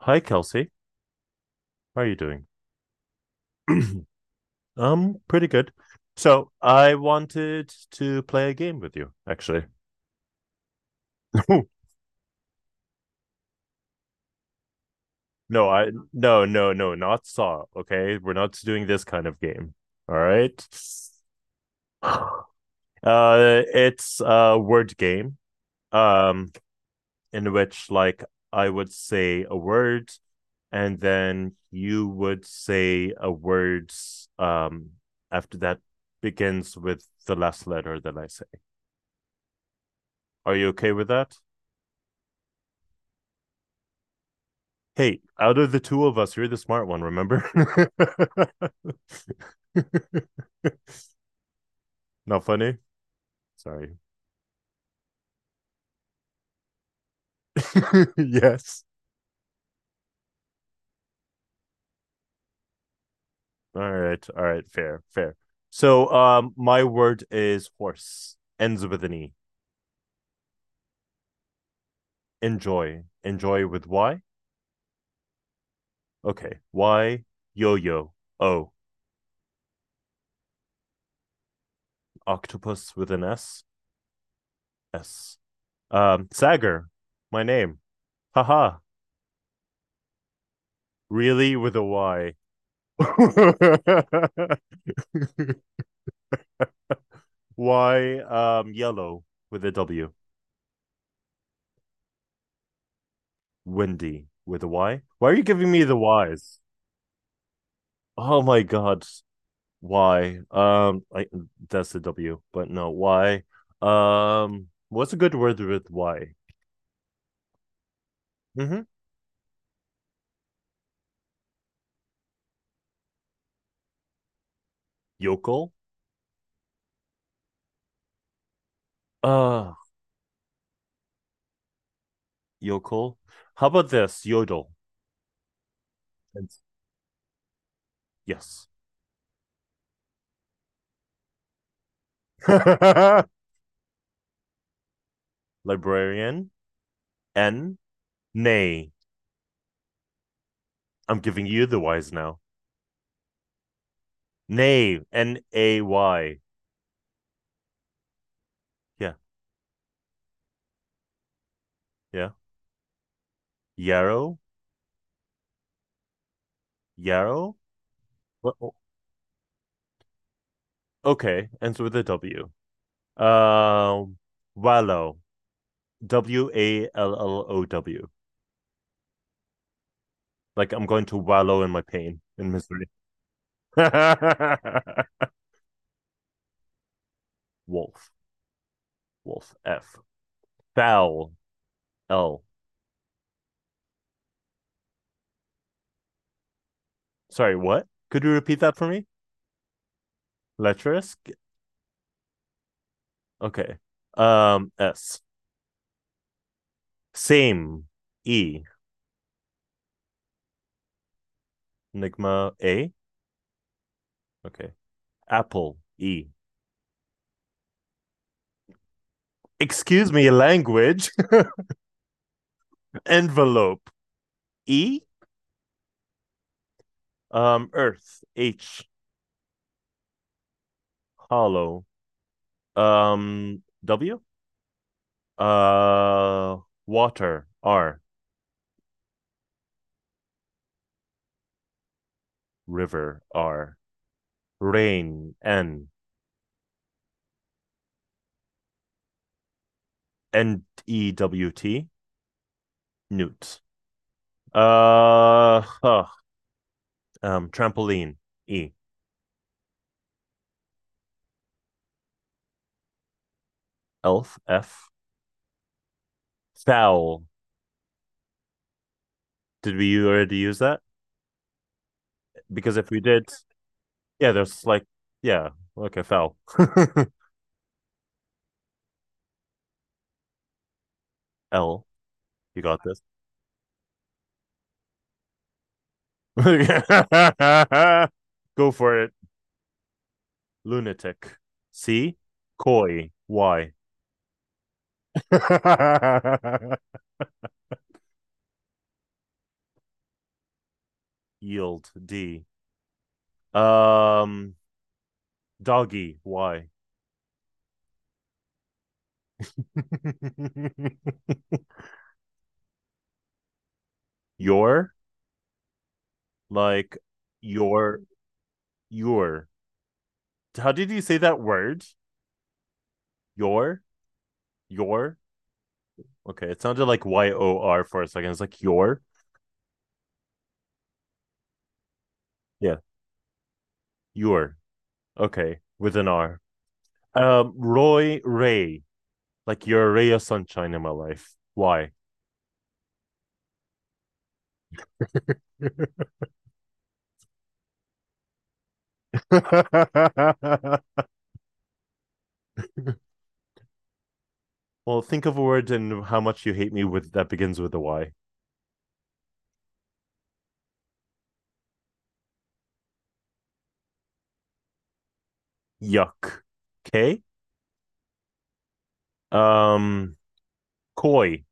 Hi, Kelsey. How are you doing? Pretty good. So I wanted to play a game with you, actually. No, I no, no, no, not Saw. Okay, we're not doing this kind of game. All right. It's a word game. Um, in which like I would say a word, and then you would say a word. Um, after that begins with the last letter that I say. Are you okay with that? Hey, out of the two of us, you're the smart one, remember? Not funny? Sorry. Yes. All right. All right. Fair. Fair. So my word is horse. Ends with an E. Enjoy. Enjoy with Y. Okay. Y yo yo. O. Octopus with an S. S. Sagar. My name. Haha. Really with a Y. Why yellow with a W? Windy with a Y? Why are you giving me the Y's? Oh my god. Why? I that's the W, but no, why? What's a good word with Y? Mm-hmm. Yokel? Uh yokel. How about this? Yodel. Yes. Librarian. N. Nay. I'm giving you the Y's now. Nay. N A Y. Yeah, yeah. Yarrow, Yarrow. Wha- o- Okay, ends with a W. Um, wallow, W A L L O W. Like I'm going to wallow in my pain and misery. Wolf, wolf, F. Foul, L. Sorry, what? Could you repeat that for me? Lecherous. Okay. S. Same, E. Enigma, A. Okay. Apple, E. Excuse me, language. Envelope. E, Earth, H, hollow, W, uh water, R, river, R, rain, N, N E W T, newt, uh huh, trampoline, E, elf, F, foul. Did we already use that, because if we did? Yeah there's like yeah Okay, foul. L. You got this. Go for it. Lunatic. C. Coy. Y. Yield. D. Um, doggy. Y. Your. Like your. Your. How did you say that word? Your. Your. Okay, it sounded like YOR for a second. It's like your. Yeah, your. Okay, with an R. Roy Ray. Like you're a ray of sunshine in my life. Why? Well, think of a word and how much you hate me with that begins with a Y. Yuck. Okay. Um, koi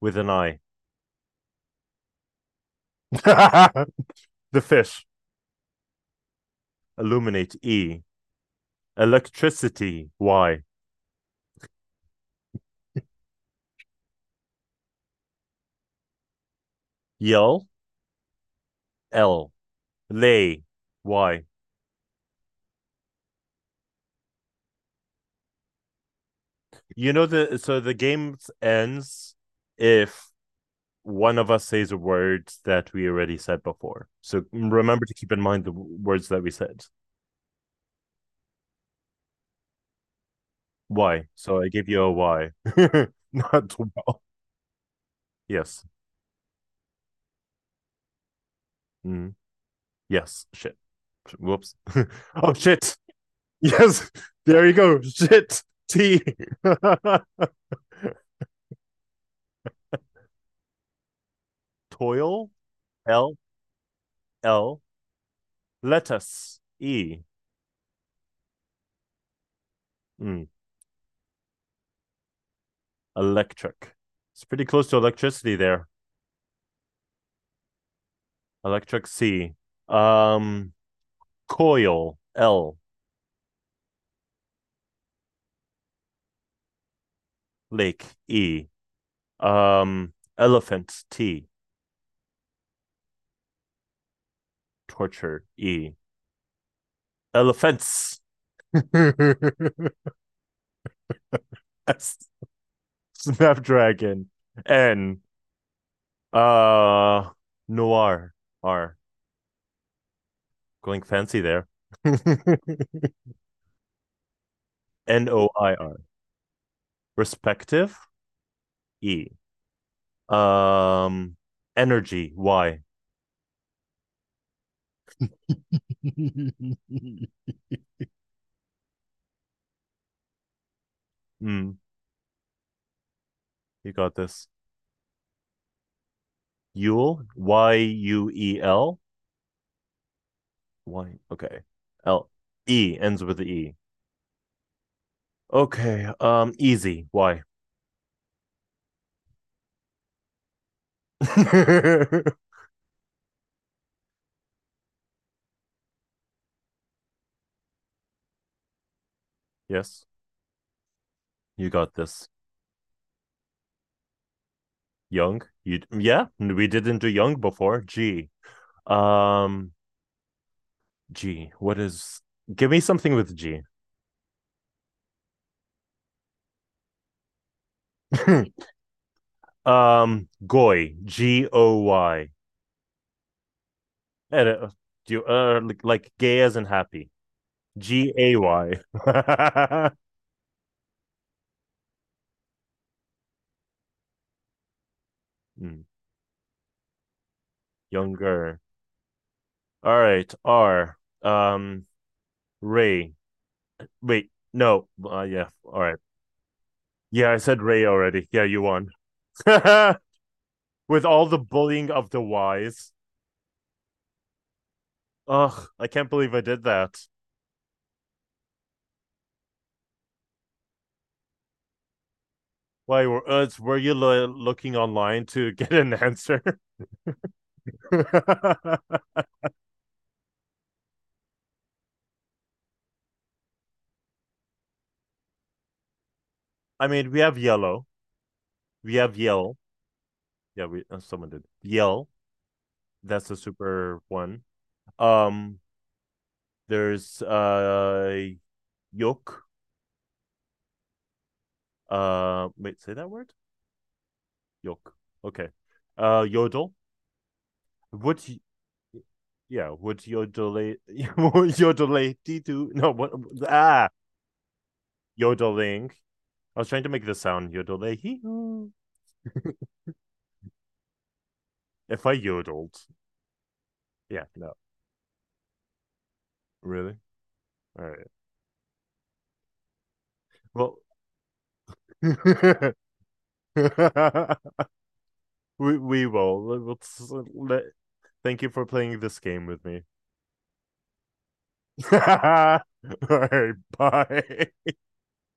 with an I. The fish. Illuminate, E. Electricity, Y. Yell, L. Lay, Y. You know the game ends if one of us says a word that we already said before. So remember to keep in mind the words that we said. Why? So I gave you a why. Not well. Yes. Mm, yes. Shit. Whoops. Oh shit. Yes. There you go. Shit. T. Toil. L. L. Lettuce. E. Mm, electric. It's pretty close to electricity there. Electric, C. Um. Coil. L. Lake. E. Elephant. T. Torture. E. Elephants. S. Snapdragon. N. Uh, noir. R. Going fancy there. NOIR. Respective. E. Um, energy. Y. Mm, you got this. Yule. YUEL. Y. Okay. L. E ends with the E. Okay. Easy. Y. Yes, you got this. Young. You yeah. We didn't do young before. G. Um, G. What is? Give me something with G. Goy. G O Y. And, do you like gay as in happy? GAY. Younger. All right. R. Um. Ray. Wait. No. Yeah. All right. Yeah, I said Ray already. Yeah, you won. With all the bullying of the Y's. Ugh, I can't believe I did that. Why were you looking online to get an answer? I mean, we have yellow. We have yell. Yeah, we someone did yell. That's a super one. Um, there's yoke. Wait, say that word. Yoke. Okay. Yodel. Would yeah? Would yodel yodel to no what ah yodeling. I was trying to make the sound yodel if I yodeled. Yeah, no, really. All right. Well, we will. let- Thank you for playing this game with me. All right, bye.